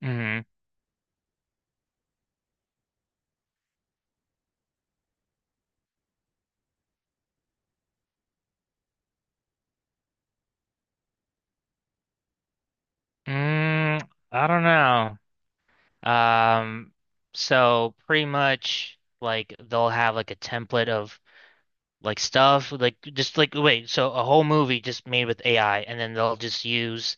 Hmm. Mm, I don't know. Um, so pretty much like they'll have like a template of like stuff like just like wait, so a whole movie just made with AI and then they'll just use.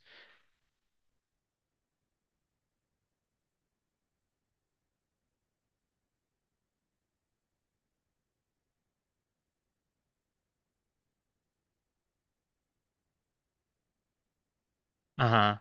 Uh-huh.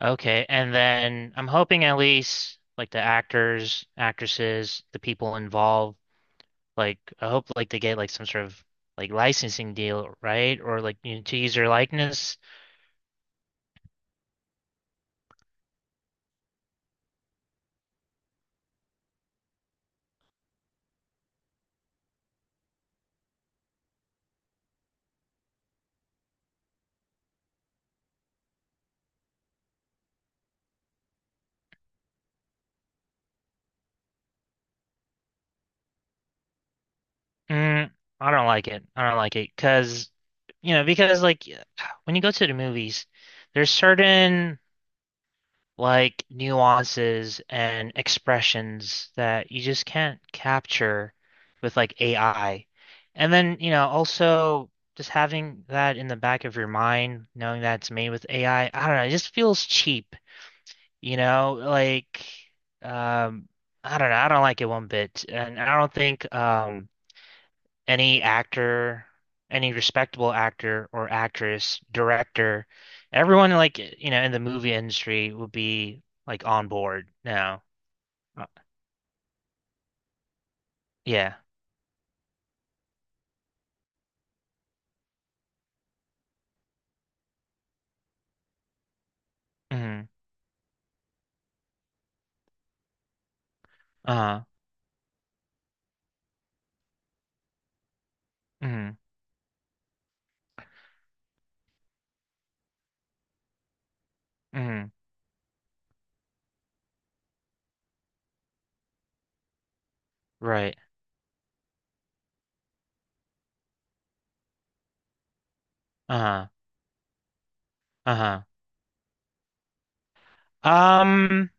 Okay, and then I'm hoping at least like the actors, actresses, the people involved, like I hope like they get like some sort of like licensing deal, right? Or like, to use their likeness. Mm, I don't like it. I don't like it because like when you go to the movies, there's certain like nuances and expressions that you just can't capture with like AI. And then, also just having that in the back of your mind, knowing that it's made with AI, I don't know, it just feels cheap, like um I don't know, I don't like it one bit. And I don't think any actor, any respectable actor or actress, director, everyone like in the movie industry would be like on board now. Uh, yeah. Hmm. Uh-huh. Hmm. Hmm. Right. Uh-huh. Uh-huh. Um,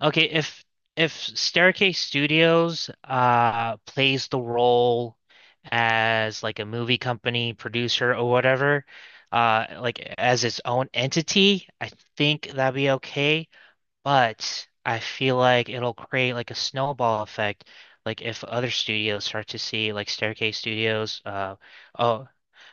okay, if Staircase Studios plays the role as like a movie company producer or whatever, like as its own entity, I think that'd be okay. But I feel like it'll create like a snowball effect. Like if other studios start to see like Staircase Studios. Oh,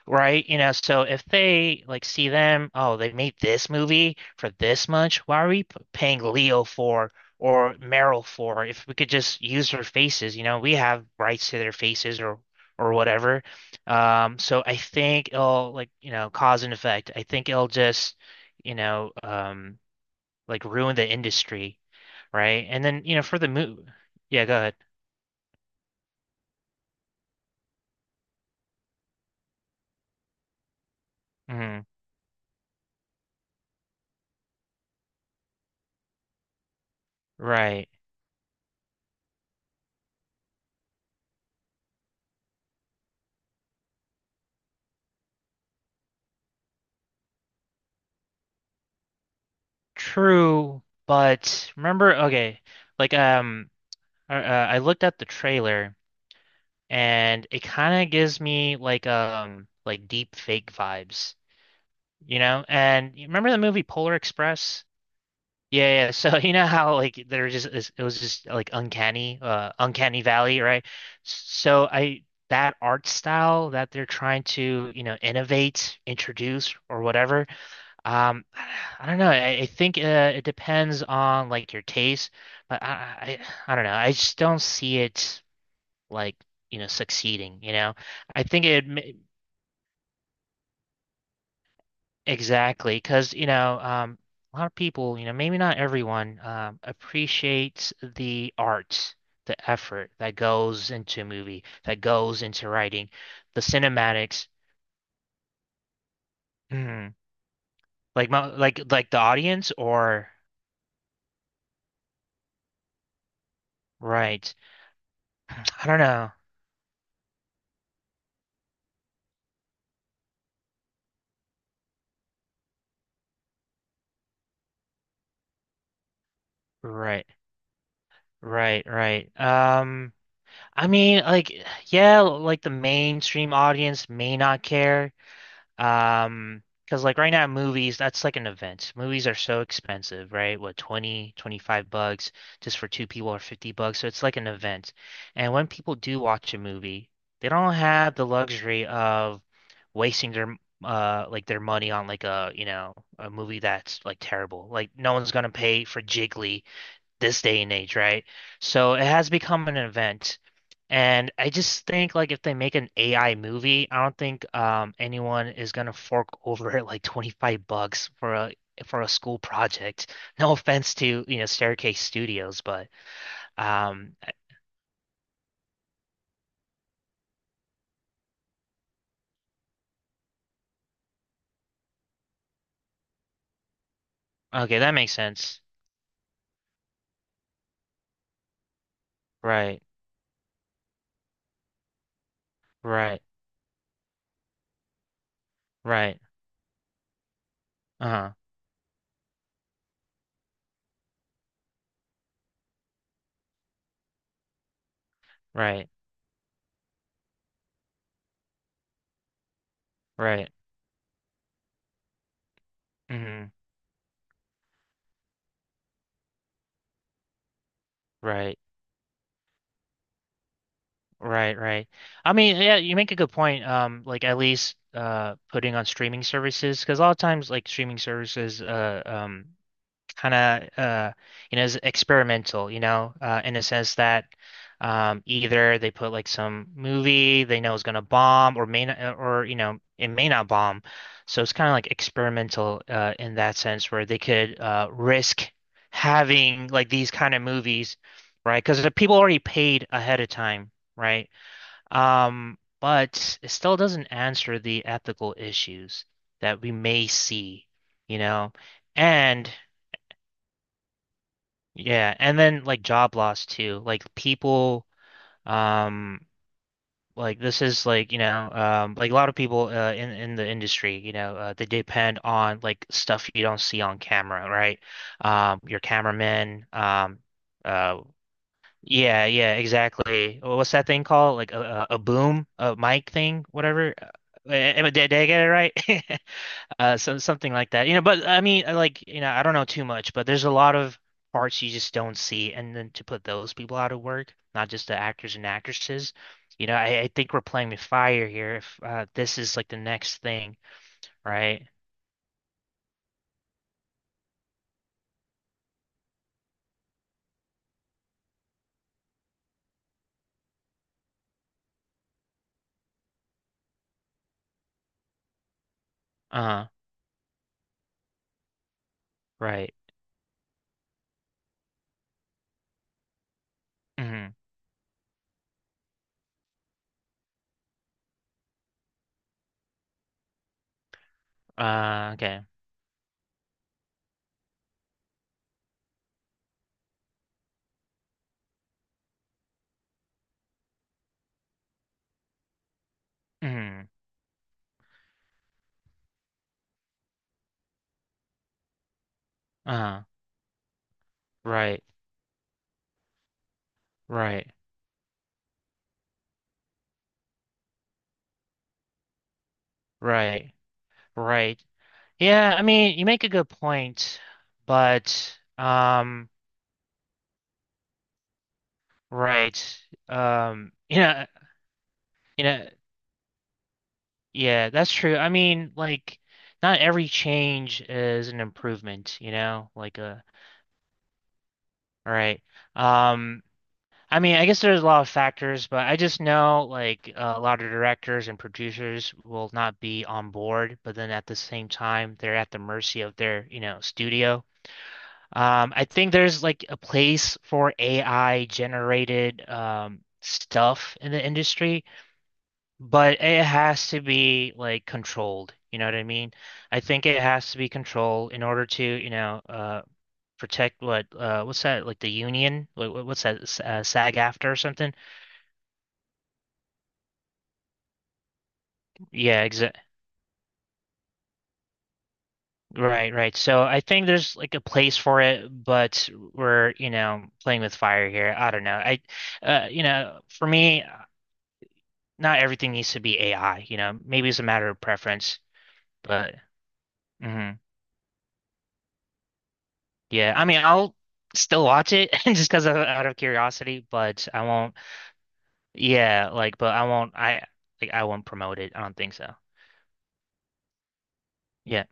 right. So if they like see them, oh, they made this movie for this much. Why are we paying Leo for or Meryl for if we could just use their faces? We have rights to their faces or whatever. So I think it'll like, cause and effect. I think it'll just, you know, um, like ruin the industry, right? And then, for the move, yeah, go ahead. Hmm. Right. True, but remember, okay, like I looked at the trailer and it kind of gives me like deep fake vibes, you know? And you remember the movie Polar Express? Yeah, yeah. So you know how like there was just it was just like uncanny, uncanny valley, right? So I that art style that they're trying to, innovate, introduce or whatever. Um, I don't know. I think it depends on like your taste, but I don't know. I just don't see it like succeeding. I think it. Exactly because a lot of people maybe not everyone appreciates the art, the effort that goes into a movie, that goes into writing, the cinematics. Mhm. Like my like the audience or? Right. I don't know. Right. Right, right. I mean, like, yeah, like the mainstream audience may not care. Because like right now, movies, that's like an event. Movies are so expensive, right? What, 25 bucks just for two people or 50 bucks. So it's like an event. And when people do watch a movie, they don't have the luxury of wasting their money on like a, a movie that's like terrible. Like no one's gonna pay for Jiggly this day and age, right? So it has become an event. And I just think like if they make an AI movie, I don't think anyone is gonna fork over like 25 bucks for a school project. No offense to, Staircase Studios, but um okay, that makes sense. Right. Right. Right. Uh-huh. Right. Right. Hmm. Right. Right, right. I mean, yeah, you make a good point. Like at least putting on streaming services because a lot of times like streaming services kind of is experimental, in a sense that either they put like some movie they know is gonna bomb or may not, or it may not bomb. So it's kind of like experimental in that sense where they could risk having like these kind of movies, right? Because the people already paid ahead of time. Right. But it still doesn't answer the ethical issues that we may see, you know? And yeah, and then like job loss too. Like people, um, like this is like, like a lot of people in the industry, they depend on like stuff you don't see on camera, right? Your cameraman. Uh, Yeah, yeah, exactly. What's that thing called? Like a, a boom, a mic thing, whatever. Did I get it right? So something like that. But I mean, like, I don't know too much, but there's a lot of parts you just don't see, and then to put those people out of work, not just the actors and actresses. I think we're playing with fire here. If this is like the next thing, right? Uh, right. Hmm. Okay. Hmm. Uh, right. Right. Right. Right. Yeah, I mean, you make a good point, but right. Um, you know, you know, yeah, that's true. I mean, like, not every change is an improvement, like right. Um, I mean, I guess there's a lot of factors, but I just know like a lot of directors and producers will not be on board, but then at the same time, they're at the mercy of their, studio. I think there's like a place for AI generated stuff in the industry, but it has to be like controlled. You know what I mean? I think it has to be controlled in order to, protect what what's that like the union? What's that SAG after or something? Yeah, exa right, right. So I think there's like a place for it, but we're, playing with fire here. I don't know. For me, not everything needs to be AI. Maybe it's a matter of preference, but hmm yeah. I mean, I'll still watch it just because of out of curiosity, but I won't. Yeah, like, but I won't. I Like I won't promote it. I don't think so. Yeah.